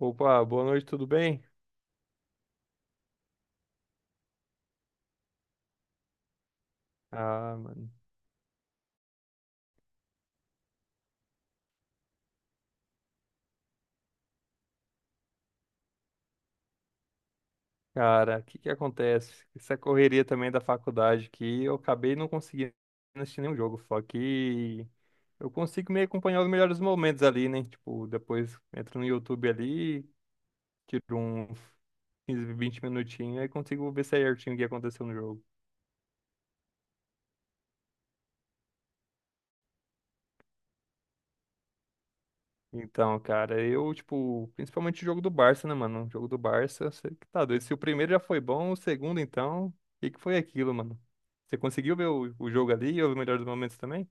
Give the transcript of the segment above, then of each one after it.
Opa, boa noite, tudo bem? Ah, mano. Cara, o que que acontece? Essa correria também da faculdade que eu acabei não conseguindo assistir nenhum jogo, só que eu consigo me acompanhar os melhores momentos ali, né? Tipo, depois entro no YouTube ali, tiro uns 15, 20 minutinhos e consigo ver certinho o que aconteceu no jogo. Então, cara, eu, tipo, principalmente o jogo do Barça, né, mano? O jogo do Barça, você que tá doido. Se o primeiro já foi bom, o segundo, então, o que que foi aquilo, mano? Você conseguiu ver o jogo ali e o melhor dos momentos também?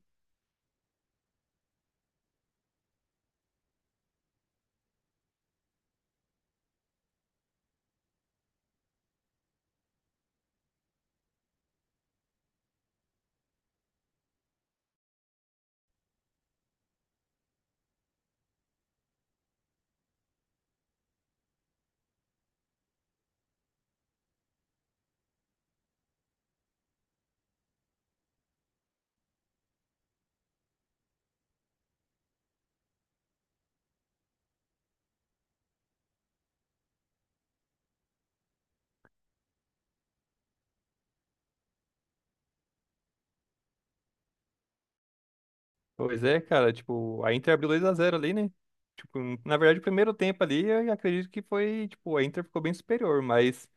Pois é, cara, tipo, a Inter abriu dois a zero ali, né? Tipo, na verdade, o primeiro tempo ali, eu acredito que foi, tipo, a Inter ficou bem superior, mas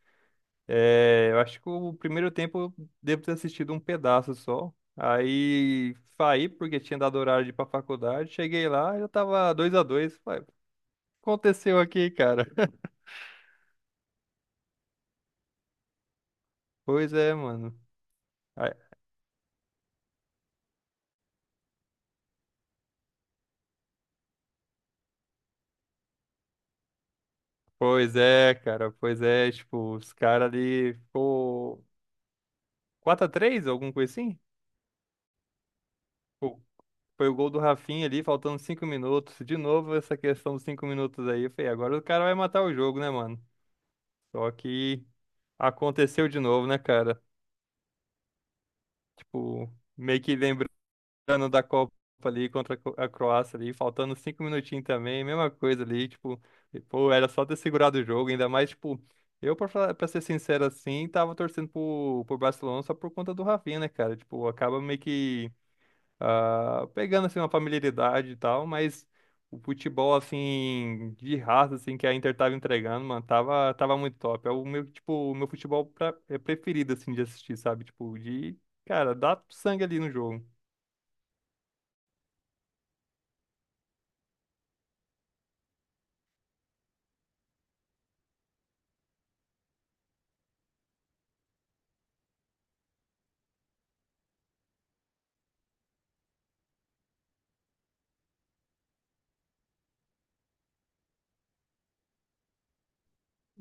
é, eu acho que o primeiro tempo eu devo ter assistido um pedaço só. Aí saí porque tinha dado horário de ir pra faculdade, cheguei lá e eu tava dois a dois, aconteceu aqui, cara? Pois é, mano. Aí- Pois é, cara. Pois é, tipo, os caras ali ficou quatro x 3 alguma coisa assim? Pô, foi o gol do Rafinha ali, faltando 5 minutos. De novo, essa questão dos 5 minutos aí. Eu falei, agora o cara vai matar o jogo, né, mano? Só que aconteceu de novo, né, cara? Tipo, meio que lembrando ano da Copa ali contra a a Croácia ali, faltando cinco minutinhos também, mesma coisa ali, tipo, e, pô, era só ter segurado o jogo, ainda mais, tipo, eu, pra, pra ser sincero assim, tava torcendo pro Barcelona só por conta do Rafinha, né, cara? Tipo, acaba meio que pegando, assim, uma familiaridade e tal, mas o futebol, assim, de raça, assim, que a Inter tava entregando, mano, tava muito top. É o meu, tipo, o meu futebol é preferido, assim, de assistir, sabe? Tipo, de, cara, dá sangue ali no jogo.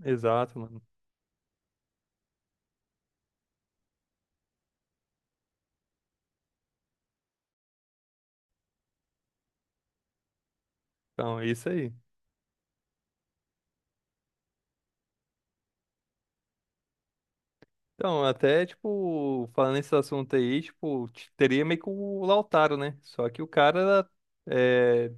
Exato, mano. Então, é isso aí. Então, até, tipo, falando nesse assunto aí, tipo, teria meio que o Lautaro, né? Só que o cara é,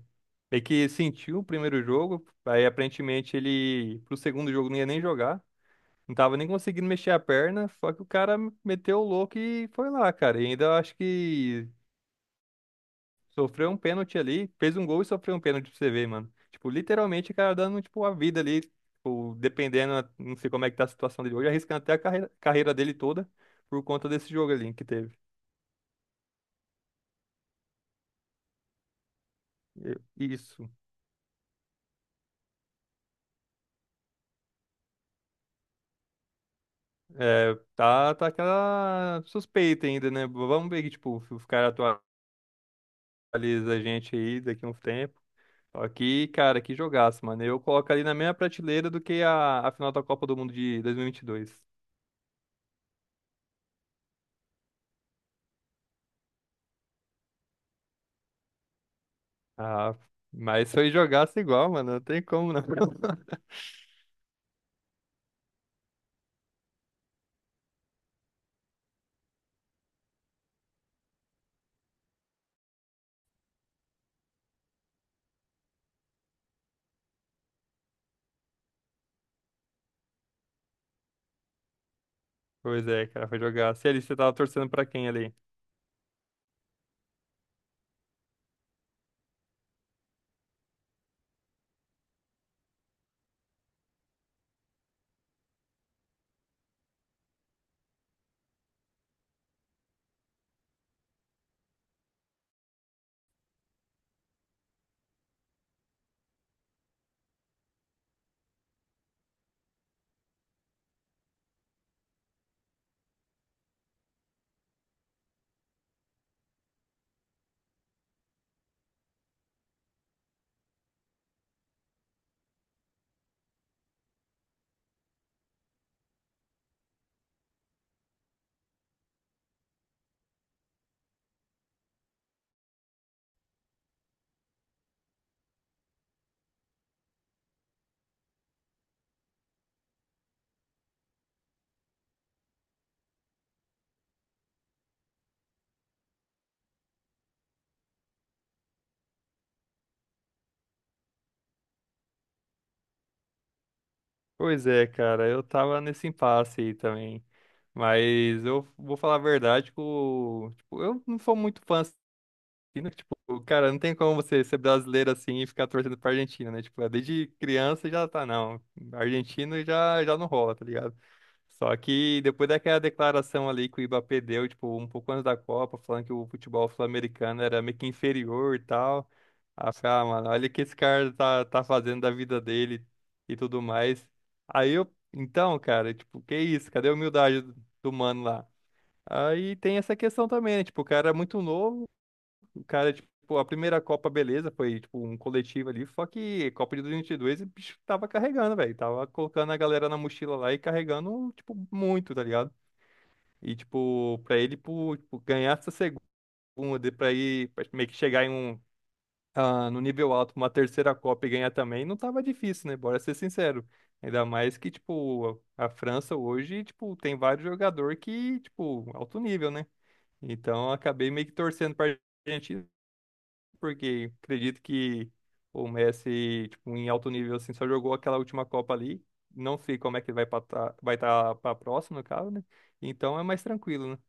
meio que sentiu o primeiro jogo, aí aparentemente ele, pro segundo jogo, não ia nem jogar, não tava nem conseguindo mexer a perna, só que o cara meteu o louco e foi lá, cara. E ainda eu acho que sofreu um pênalti ali, fez um gol e sofreu um pênalti pra você ver, mano. Tipo, literalmente, o cara dando, tipo, a vida ali, tipo, dependendo, não sei como é que tá a situação dele hoje, arriscando até a carreira, carreira dele toda por conta desse jogo ali que teve. Isso. É, tá aquela suspeita ainda, né? Vamos ver que, tipo, se os caras atualizam a gente aí daqui a um tempo. Só que, cara, que jogaço, mano. Eu coloco ali na mesma prateleira do que a final da Copa do Mundo de 2022. Ah, mas foi jogaço igual, mano. Não tem como, não. Pois é, cara, foi jogaço. E ali, você tava torcendo pra quem ali? Pois é, cara, eu tava nesse impasse aí também. Mas eu vou falar a verdade, que tipo, eu não sou muito fã assim, né? Tipo, cara, não tem como você ser brasileiro assim e ficar torcendo pra Argentina, né? Tipo, desde criança já tá, não. Argentino já, já não rola, tá ligado? Só que depois daquela declaração ali que o Mbappé deu, tipo, um pouco antes da Copa, falando que o futebol sul-americano era meio que inferior e tal. Aí eu falei, ah, mano, olha o que esse cara tá fazendo da vida dele e tudo mais. Aí eu, então, cara, tipo, que isso? Cadê a humildade do mano lá? Aí tem essa questão também, né? Tipo, o cara é muito novo. O cara, tipo, a primeira Copa, beleza, foi, tipo, um coletivo ali, só que Copa de 2022, o bicho tava carregando, velho, tava colocando a galera na mochila lá e carregando, tipo, muito, tá ligado? E, tipo, pra ele, pô, tipo, ganhar essa segunda, pra ir, pra meio que chegar em um, no nível alto, uma terceira Copa e ganhar também, não tava difícil, né? Bora ser sincero. Ainda mais que, tipo, a França hoje, tipo, tem vários jogadores que, tipo, alto nível, né? Então, eu acabei meio que torcendo pra gente porque acredito que o Messi, tipo, em alto nível, assim, só jogou aquela última Copa ali. Não sei como é que ele vai estar para a próxima, no caso, né? Então é mais tranquilo, né?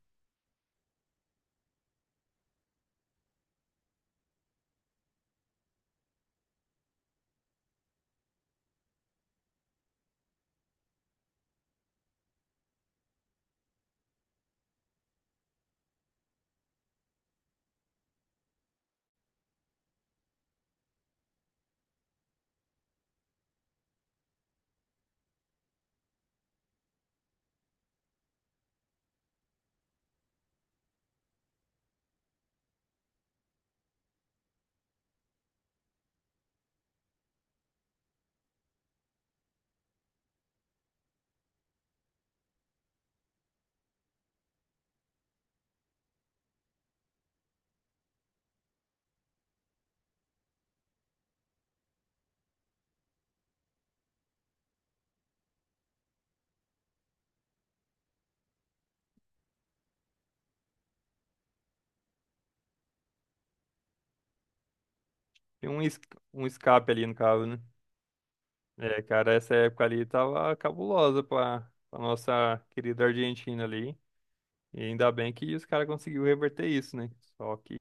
Tem um, um escape ali, no caso, né? É, cara, essa época ali tava cabulosa pra nossa querida Argentina ali. E ainda bem que os caras conseguiu reverter isso, né? Só que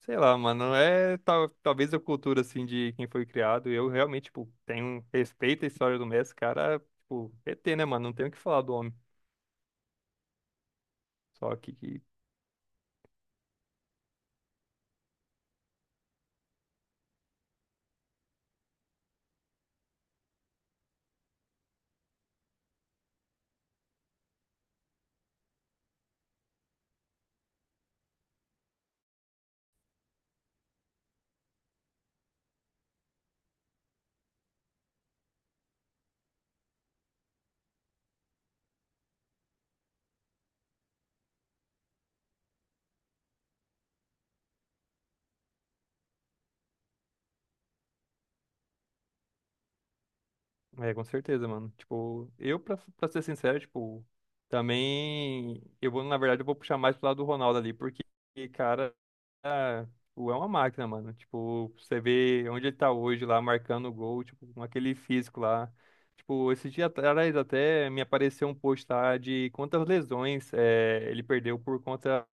sei lá, mano, é tal, talvez a cultura, assim, de quem foi criado. Eu realmente, tipo, tenho respeito à história do Messi, cara, tipo, ET, né, mano? Não tenho o que falar do homem. Só que, é, com certeza, mano. Tipo, eu, pra, ser sincero, tipo, também. Eu vou, na verdade, eu vou puxar mais pro lado do Ronaldo ali, porque, cara, tipo, é uma máquina, mano. Tipo, você vê onde ele tá hoje lá, marcando o gol, tipo, com aquele físico lá. Tipo, esse dia atrás até me apareceu um post lá de quantas lesões ele perdeu por conta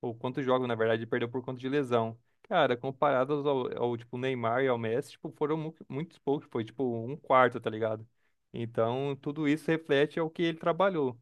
ou quantos jogos, na verdade, ele perdeu por conta de lesão. Cara, comparados ao tipo, Neymar e ao Messi, tipo, foram muitos poucos, foi tipo um quarto, tá ligado? Então, tudo isso reflete ao que ele trabalhou.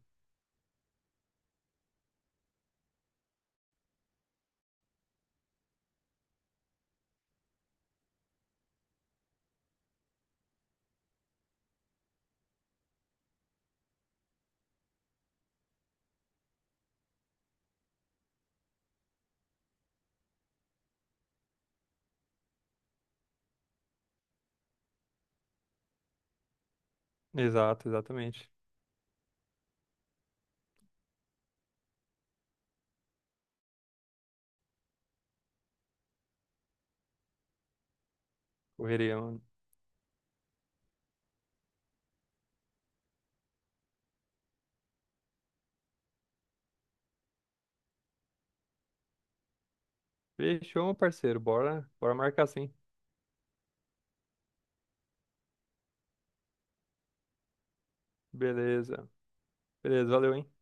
Exato, exatamente. Correria, mano. Fechou, meu parceiro. Bora, bora marcar sim. Beleza. Beleza, valeu, hein?